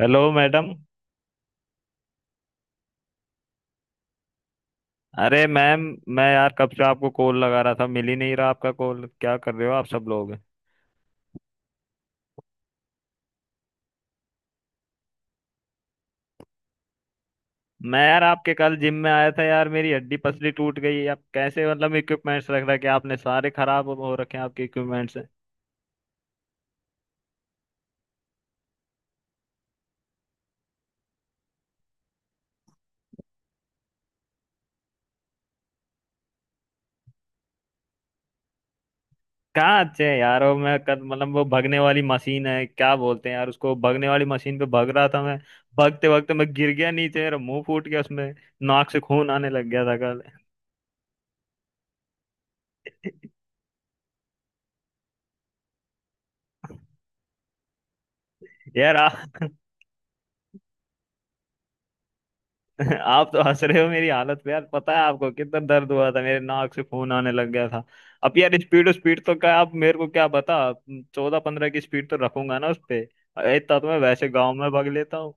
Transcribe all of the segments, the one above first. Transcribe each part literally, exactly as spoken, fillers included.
Hello madam. अरे ma'am, मैं यार कब से आपको कॉल लगा रहा था, मिल ही नहीं रहा आपका कॉल। क्या कर रहे हो आप सब लोग? मैं यार आपके कल जिम में आया था। यार मेरी हड्डी पसली टूट गई। आप कैसे मतलब इक्विपमेंट्स रख रखे हैं? आपने सारे खराब हो रखे हैं आपके इक्विपमेंट्स। कहाँ अच्छे हैं यार वो? मैं कल मतलब वो भगने वाली मशीन है, क्या बोलते हैं यार उसको, भगने वाली मशीन पे भग रहा था मैं। भगते भगते मैं गिर गया नीचे, मेरा मुंह फूट गया उसमें। नाक से खून आने लग गया था कल। यार आ, आप तो हंस रहे हो मेरी हालत पे। यार पता है आपको कितना दर्द हुआ था? मेरे नाक से खून आने लग गया था। अब यार स्पीड स्पीड तो क्या आप मेरे को क्या बता। चौदह पंद्रह की स्पीड तो रखूंगा ना उस पे। इतना तो मैं वैसे गांव में भाग लेता हूँ।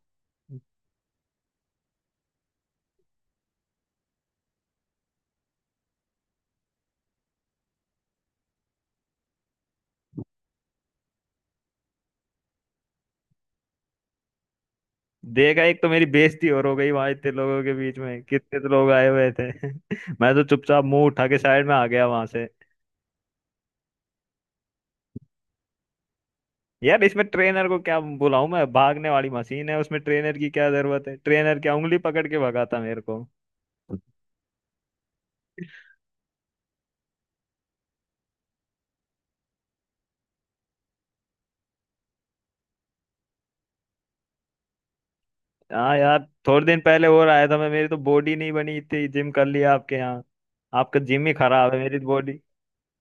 देगा, एक तो मेरी बेइज्जती और हो गई वहां इतने लोगों के बीच में, कितने तो लोग आए हुए थे। मैं तो चुपचाप मुंह उठा के साइड में आ गया वहां से। यार इसमें ट्रेनर को क्या बुलाऊं? मैं, भागने वाली मशीन है उसमें ट्रेनर की क्या जरूरत है? ट्रेनर क्या उंगली पकड़ के भगाता मेरे को? हाँ यार थोड़े दिन पहले और आया था मैं। मेरी तो बॉडी नहीं बनी इतनी जिम कर लिया आपके यहाँ। आपका जिम ही खराब है, मेरी तो बॉडी।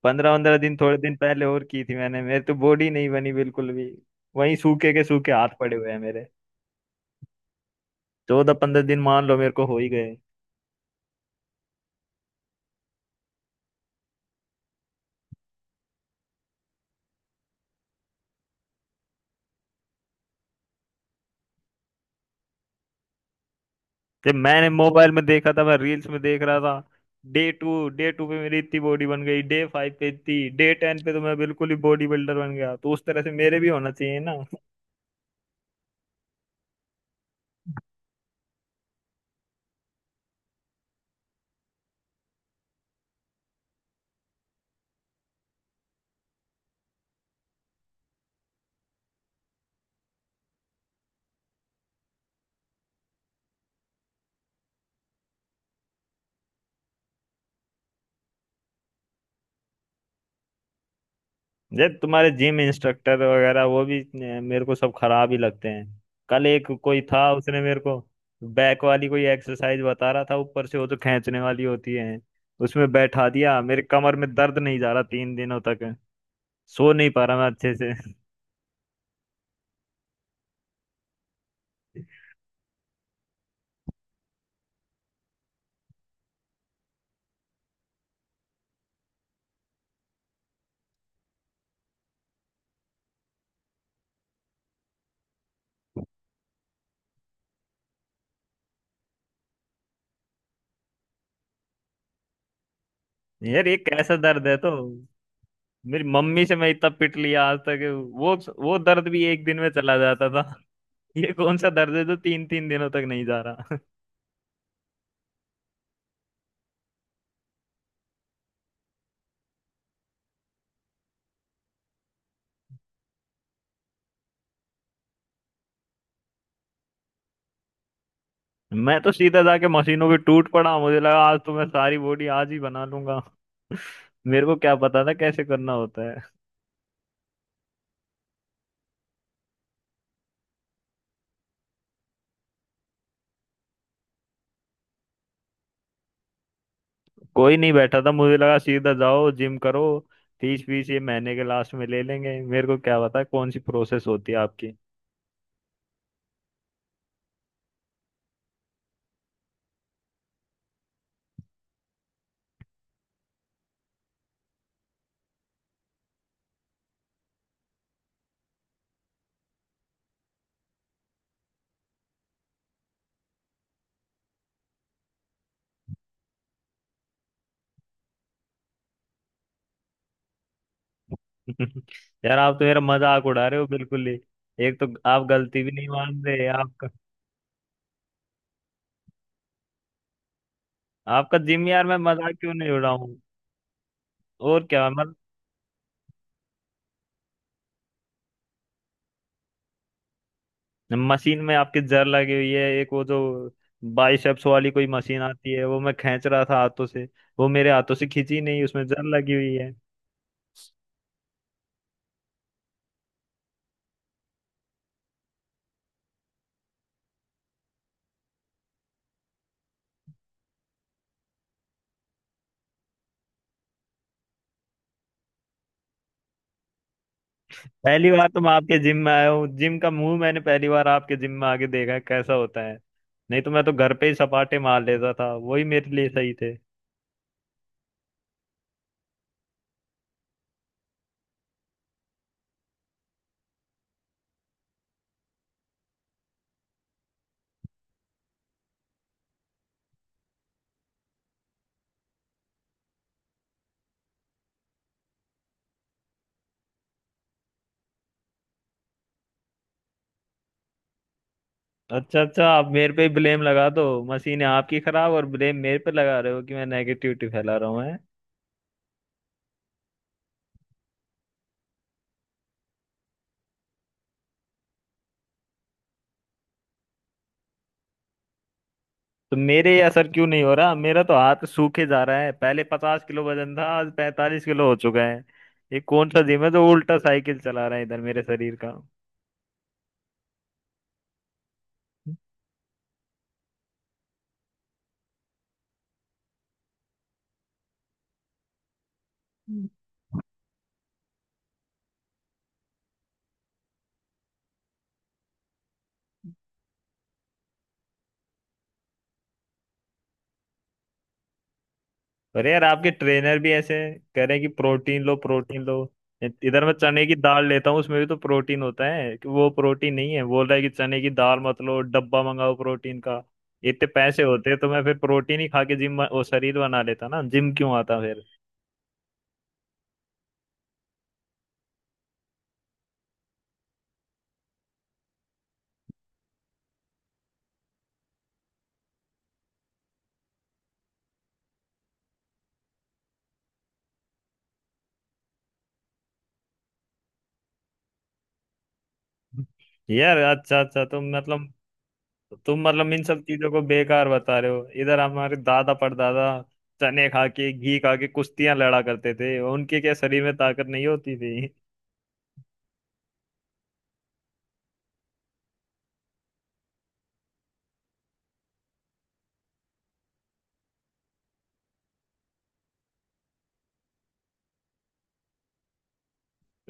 पंद्रह पंद्रह दिन थोड़े दिन पहले और की थी मैंने। मेरी तो बॉडी नहीं बनी बिल्कुल भी। वहीं सूखे के सूखे हाथ पड़े हुए हैं मेरे। चौदह पंद्रह दिन मान लो मेरे को हो ही गए। जब मैंने मोबाइल में देखा था, मैं रील्स में देख रहा था। डे टू डे टू पे मेरी इतनी बॉडी बन गई, डे फाइव पे इतनी, डे टेन पे तो मैं बिल्कुल ही बॉडी बिल्डर बन गया। तो उस तरह से मेरे भी होना चाहिए ना। ये तुम्हारे जिम इंस्ट्रक्टर वगैरह वो भी अ, मेरे को सब खराब ही लगते हैं। कल एक कोई था उसने मेरे को बैक वाली कोई एक्सरसाइज बता रहा था, ऊपर से वो जो खींचने वाली होती है उसमें बैठा दिया। मेरे कमर में दर्द नहीं जा रहा तीन दिनों तक। सो नहीं पा रहा मैं अच्छे से। यार ये कैसा दर्द है तो? मेरी मम्मी से मैं इतना पिट लिया आज तक, वो वो दर्द भी एक दिन में चला जाता था। ये कौन सा दर्द है जो तीन तीन दिनों तक नहीं जा रहा? मैं तो सीधा जाके मशीनों पे टूट पड़ा, मुझे लगा आज तो मैं सारी बॉडी आज ही बना लूंगा। मेरे को क्या पता था कैसे करना होता है। कोई नहीं बैठा था, मुझे लगा सीधा जाओ जिम करो। फीस फीस ये महीने के लास्ट में ले लेंगे, मेरे को क्या पता कौन सी प्रोसेस होती है आपकी। यार आप तो मेरा मजाक उड़ा रहे हो बिल्कुल ही। एक तो आप गलती भी नहीं मान रहे आपका। आपका जिम यार मैं मजाक क्यों नहीं उड़ाऊं? और क्या, मशीन में आपकी जर लगी हुई है। एक वो जो बाइसेप्स वाली कोई मशीन आती है, वो मैं खींच रहा था हाथों से। वो मेरे हाथों से खींची नहीं, उसमें जर लगी हुई है। पहली बार तो मैं आपके जिम में आया हूँ। जिम का मुंह मैंने पहली बार आपके जिम में आके देखा है कैसा होता है। नहीं तो मैं तो घर पे ही सपाटे मार लेता था, वही मेरे लिए सही थे। अच्छा अच्छा, आप मेरे पे ही ब्लेम लगा दो। मशीन है आपकी खराब और ब्लेम मेरे पे लगा रहे हो कि मैं नेगेटिविटी फैला रहा हूँ। तो मेरे ये असर क्यों नहीं हो रहा? मेरा तो हाथ सूखे जा रहा है। पहले पचास किलो वजन था, आज पैंतालीस किलो हो चुका है। ये कौन सा जिम है जो उल्टा साइकिल चला रहा है इधर मेरे शरीर का? अरे यार आपके ट्रेनर भी ऐसे कह रहे हैं कि प्रोटीन लो प्रोटीन लो। इधर मैं चने की दाल लेता हूँ उसमें भी तो प्रोटीन होता है, कि वो प्रोटीन नहीं है? बोल रहा है कि चने की दाल मत लो, डब्बा मंगाओ प्रोटीन का। इतने पैसे होते तो मैं फिर प्रोटीन ही खा के जिम, वो शरीर बना लेता ना, जिम क्यों आता फिर? यार अच्छा अच्छा तो मतलब, तो तुम मतलब इन सब चीजों को बेकार बता रहे हो? इधर हमारे दादा परदादा चने खा के घी खा के कुश्तियां लड़ा करते थे, उनके क्या शरीर में ताकत नहीं होती थी?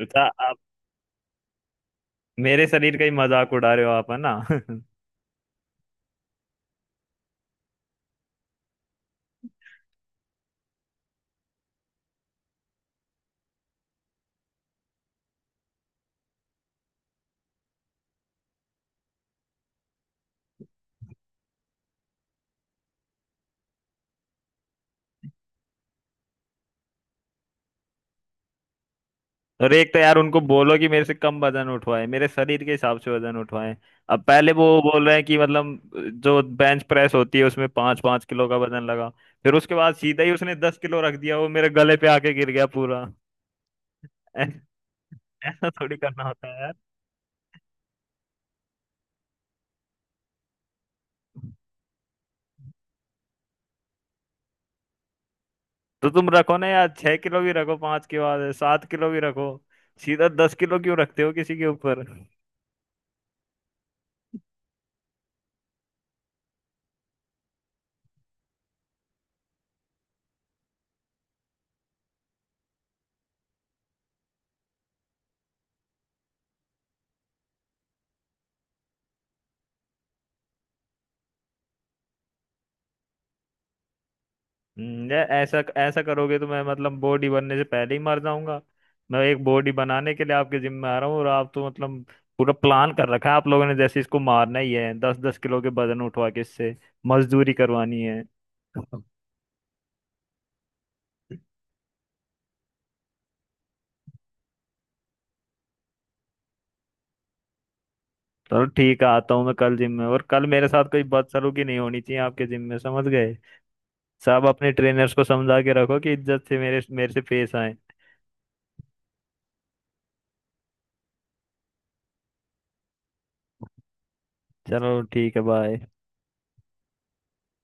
अच्छा, आप मेरे शरीर का ही मजाक उड़ा रहे हो आप, है ना। और एक तो यार उनको बोलो कि मेरे से कम वजन उठवाए, मेरे शरीर के हिसाब से वजन उठवाए। अब पहले वो बोल रहे हैं कि मतलब जो बेंच प्रेस होती है उसमें पाँच पाँच किलो का वजन लगा, फिर उसके बाद सीधा ही उसने दस किलो रख दिया, वो मेरे गले पे आके गिर गया पूरा। ऐ- ऐसा थोड़ी करना होता है यार। तो तुम रखो ना यार, छह किलो भी रखो पांच के बाद, सात किलो भी रखो, सीधा दस किलो क्यों रखते हो किसी के ऊपर? हम्म, यार ऐसा ऐसा करोगे तो मैं मतलब बॉडी बनने से पहले ही मर जाऊंगा। मैं एक बॉडी बनाने के लिए आपके जिम में आ रहा हूँ और आप तो मतलब पूरा प्लान कर रखा है आप लोगों ने, जैसे इसको मारना ही है, दस दस किलो के वजन उठवा के इससे मजदूरी करवानी है। चलो ठीक है, आता हूँ मैं कल जिम में, और कल मेरे साथ कोई बदसलूकी नहीं होनी चाहिए आपके जिम में, समझ गए। सब अपने ट्रेनर्स को समझा के रखो कि इज्जत से मेरे मेरे से पेश आए। चलो ठीक है, बाय।